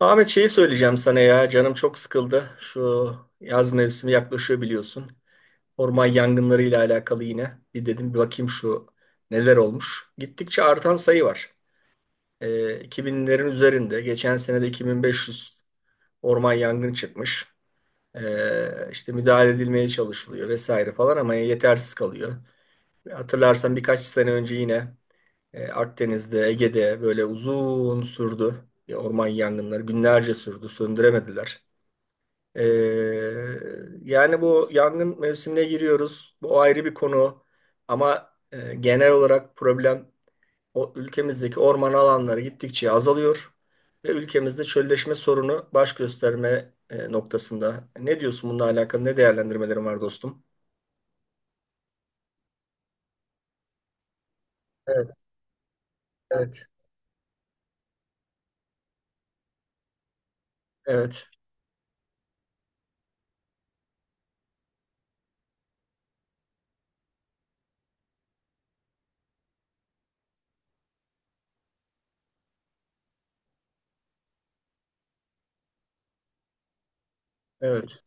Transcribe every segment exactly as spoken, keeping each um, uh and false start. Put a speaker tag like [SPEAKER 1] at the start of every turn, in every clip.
[SPEAKER 1] Ahmet şeyi söyleyeceğim sana ya. Canım çok sıkıldı. Şu yaz mevsimi yaklaşıyor biliyorsun. Orman yangınları ile alakalı yine. Bir dedim bir bakayım şu neler olmuş. Gittikçe artan sayı var. Ee, iki binlerin üzerinde. Geçen sene de iki bin beş yüz orman yangını çıkmış. Ee, işte müdahale edilmeye çalışılıyor vesaire falan ama yetersiz kalıyor. Hatırlarsan birkaç sene önce yine e, Akdeniz'de, Ege'de böyle uzun sürdü. E, Orman yangınları günlerce sürdü, söndüremediler. Ee, yani bu yangın mevsimine giriyoruz. Bu ayrı bir konu. Ama e, genel olarak problem o ülkemizdeki orman alanları gittikçe azalıyor ve ülkemizde çölleşme sorunu baş gösterme e, noktasında. Ne diyorsun bununla alakalı? Ne değerlendirmelerin var dostum? Evet, evet, evet, evet,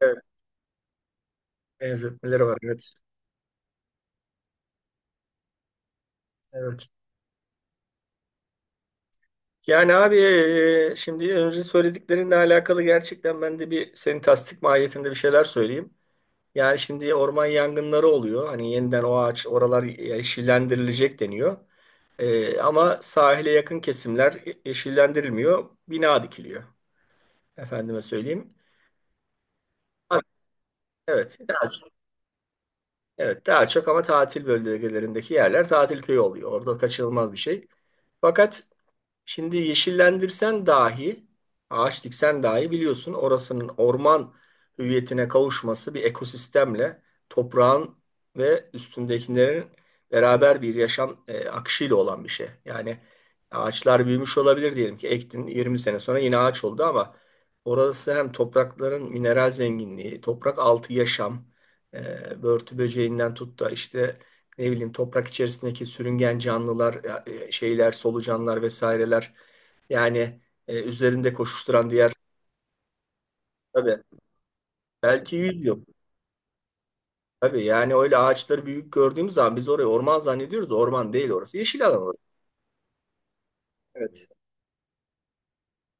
[SPEAKER 1] evet. Benzetmeleri var, evet, evet. Yani abi, e, şimdi önce söylediklerinle alakalı gerçekten ben de bir senin tasdik mahiyetinde bir şeyler söyleyeyim. Yani şimdi orman yangınları oluyor. Hani yeniden o ağaç oralar yeşillendirilecek deniyor. Ee, ama sahile yakın kesimler yeşillendirilmiyor. Bina dikiliyor. Efendime söyleyeyim. Ha, evet, daha, evet, daha çok ama tatil bölgelerindeki yerler tatil köyü oluyor. Orada kaçınılmaz bir şey. Fakat şimdi yeşillendirsen dahi, ağaç diksen dahi biliyorsun orasının orman hüviyetine kavuşması bir ekosistemle toprağın ve üstündekilerin beraber bir yaşam e, akışıyla olan bir şey. Yani ağaçlar büyümüş olabilir diyelim ki ektin yirmi sene sonra yine ağaç oldu ama orası hem toprakların mineral zenginliği, toprak altı yaşam, e, börtü böceğinden tut da işte ne bileyim toprak içerisindeki sürüngen canlılar, e, şeyler, solucanlar vesaireler. Yani e, üzerinde koşuşturan diğer. Tabii. Belki yüz yıl. Tabii yani öyle ağaçları büyük gördüğümüz zaman biz orayı orman zannediyoruz da orman değil orası. Yeşil alan orası. Evet.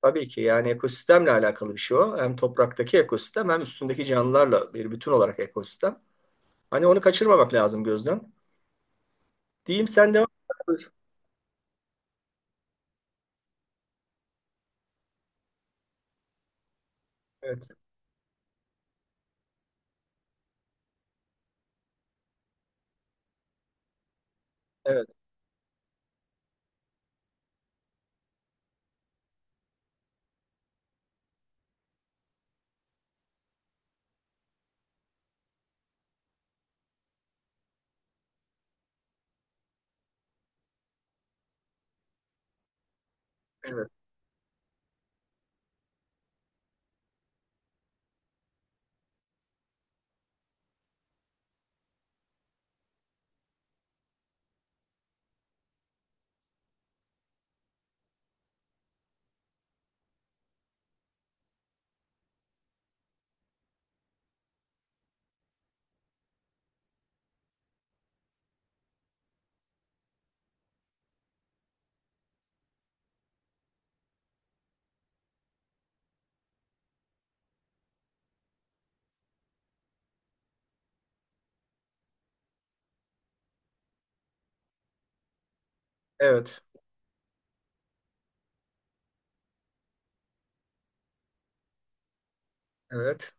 [SPEAKER 1] Tabii ki yani ekosistemle alakalı bir şey o. Hem topraktaki ekosistem hem üstündeki canlılarla bir bütün olarak ekosistem. Hani onu kaçırmamak lazım gözden. Diyeyim sen devam et. Evet. Evet. Evet. Evet. Evet.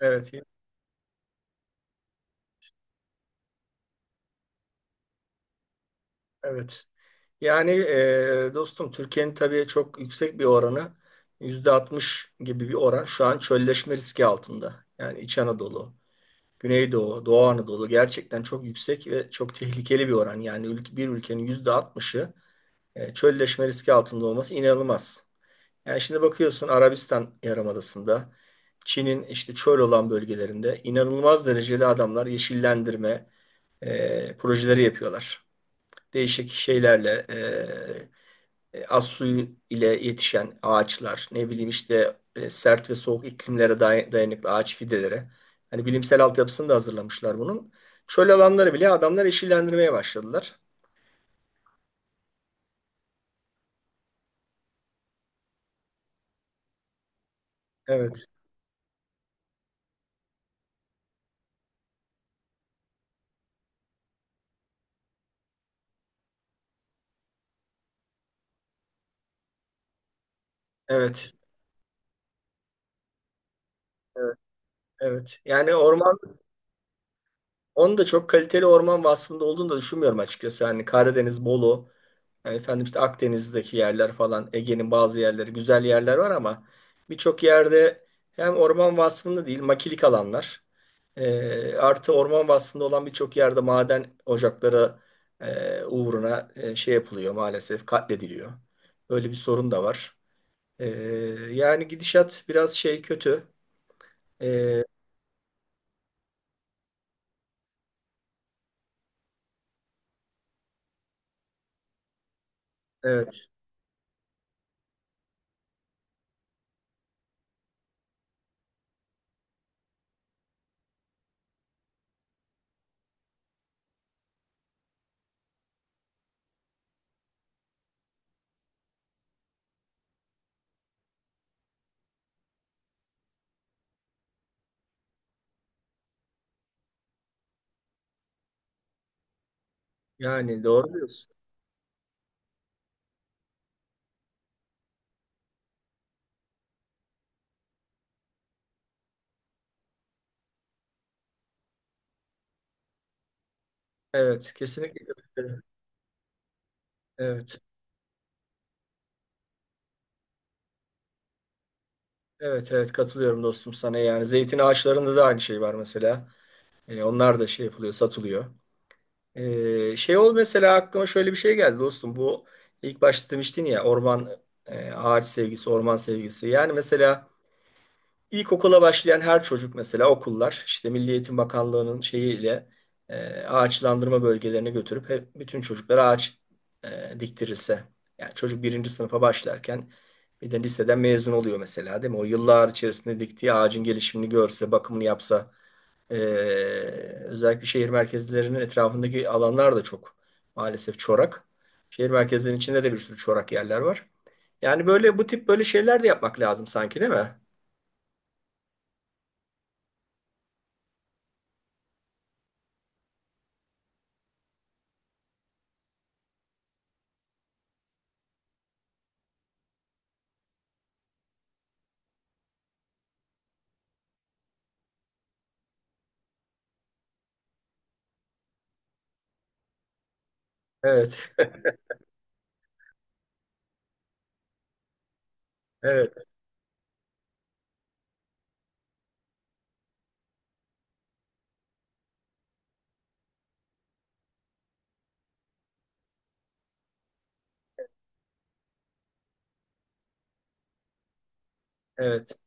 [SPEAKER 1] Evet. Evet. Evet. Yani e, dostum Türkiye'nin tabii çok yüksek bir oranı yüzde altmış gibi bir oran şu an çölleşme riski altında. Yani İç Anadolu, Güneydoğu, Doğu Anadolu gerçekten çok yüksek ve çok tehlikeli bir oran. Yani ül- bir ülkenin yüzde altmışı e, çölleşme riski altında olması inanılmaz. Yani şimdi bakıyorsun Arabistan Yarımadası'nda, Çin'in işte çöl olan bölgelerinde inanılmaz derecede adamlar yeşillendirme e, projeleri yapıyorlar. Değişik şeylerle e, az suyu ile yetişen ağaçlar, ne bileyim işte e, sert ve soğuk iklimlere day- dayanıklı ağaç fideleri. Hani bilimsel altyapısını da hazırlamışlar bunun. Çöl alanları bile adamlar yeşillendirmeye başladılar. Evet, evet, evet, evet. Yani orman, onun da çok kaliteli orman vasfında olduğunu da düşünmüyorum açıkçası. Hani Karadeniz, Bolu, yani efendim işte Akdeniz'deki yerler falan, Ege'nin bazı yerleri güzel yerler var ama birçok yerde hem orman vasfında değil makilik alanlar e, artı orman vasfında olan birçok yerde maden ocakları e, uğruna e, şey yapılıyor maalesef katlediliyor. Böyle bir sorun da var. E, Yani gidişat biraz şey kötü. E, evet, yani doğru diyorsun. Evet, kesinlikle katılıyorum. Evet. Evet, evet, katılıyorum dostum sana, yani zeytin ağaçlarında da aynı şey var mesela. E, onlar da şey yapılıyor, satılıyor. E, şey ol, mesela aklıma şöyle bir şey geldi dostum. Bu ilk başta demiştin ya, orman, e, ağaç sevgisi, orman sevgisi. Yani mesela ilkokula başlayan her çocuk, mesela okullar işte Milli Eğitim Bakanlığı'nın şeyiyle e, ağaçlandırma bölgelerine götürüp hep bütün çocuklara ağaç e, diktirilse. Yani çocuk birinci sınıfa başlarken bir de liseden mezun oluyor mesela değil mi? O yıllar içerisinde diktiği ağacın gelişimini görse, bakımını yapsa, ee, özellikle şehir merkezlerinin etrafındaki alanlar da çok maalesef çorak. Şehir merkezlerinin içinde de bir sürü çorak yerler var. Yani böyle bu tip böyle şeyler de yapmak lazım sanki değil mi? Evet, evet, evet,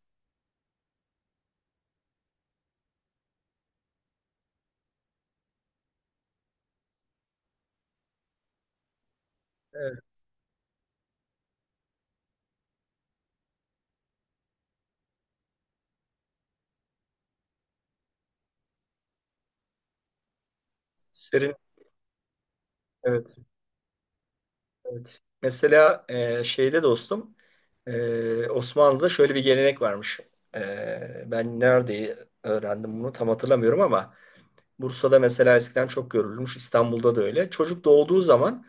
[SPEAKER 1] evet. Serin, evet, evet. Mesela, e, şeyde dostum, e, Osmanlı'da şöyle bir gelenek varmış. E, ben nerede öğrendim bunu tam hatırlamıyorum ama Bursa'da mesela eskiden çok görülmüş, İstanbul'da da öyle. Çocuk doğduğu zaman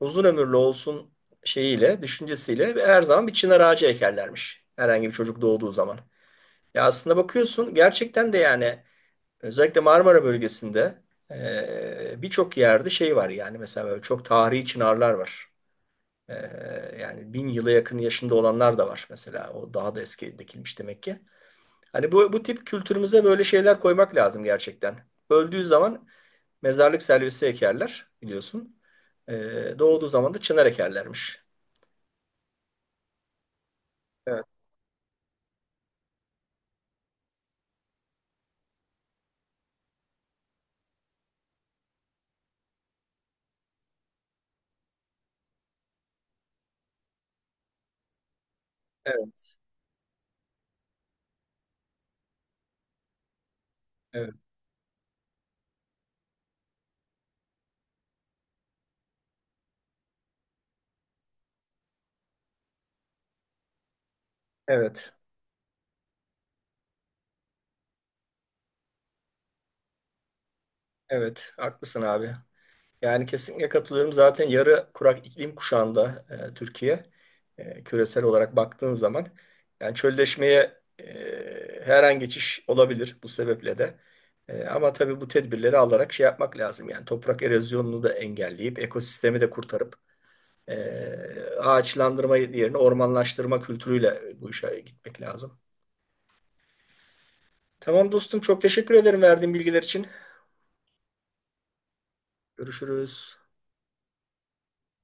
[SPEAKER 1] uzun ömürlü olsun şeyiyle, düşüncesiyle her zaman bir çınar ağacı ekerlermiş. Herhangi bir çocuk doğduğu zaman. Ya aslında bakıyorsun gerçekten de yani özellikle Marmara bölgesinde e, birçok yerde şey var yani mesela böyle çok tarihi çınarlar var. E, Yani bin yıla yakın yaşında olanlar da var mesela. O daha da eski dikilmiş demek ki. Hani bu, bu tip kültürümüze böyle şeyler koymak lazım gerçekten. Öldüğü zaman mezarlık servisi ekerler biliyorsun. Ee, doğduğu zaman da çınar ekerlermiş. Evet, evet, evet, evet, evet. Haklısın abi. Yani kesinlikle katılıyorum. Zaten yarı kurak iklim kuşağında, e, Türkiye, e, küresel olarak baktığın zaman yani çölleşmeye, e, her an geçiş olabilir bu sebeple de. E, ama tabii bu tedbirleri alarak şey yapmak lazım. Yani toprak erozyonunu da engelleyip ekosistemi de kurtarıp, Ee, ağaçlandırma yerine ormanlaştırma kültürüyle bu işe gitmek lazım. Tamam dostum, çok teşekkür ederim verdiğin bilgiler için. Görüşürüz.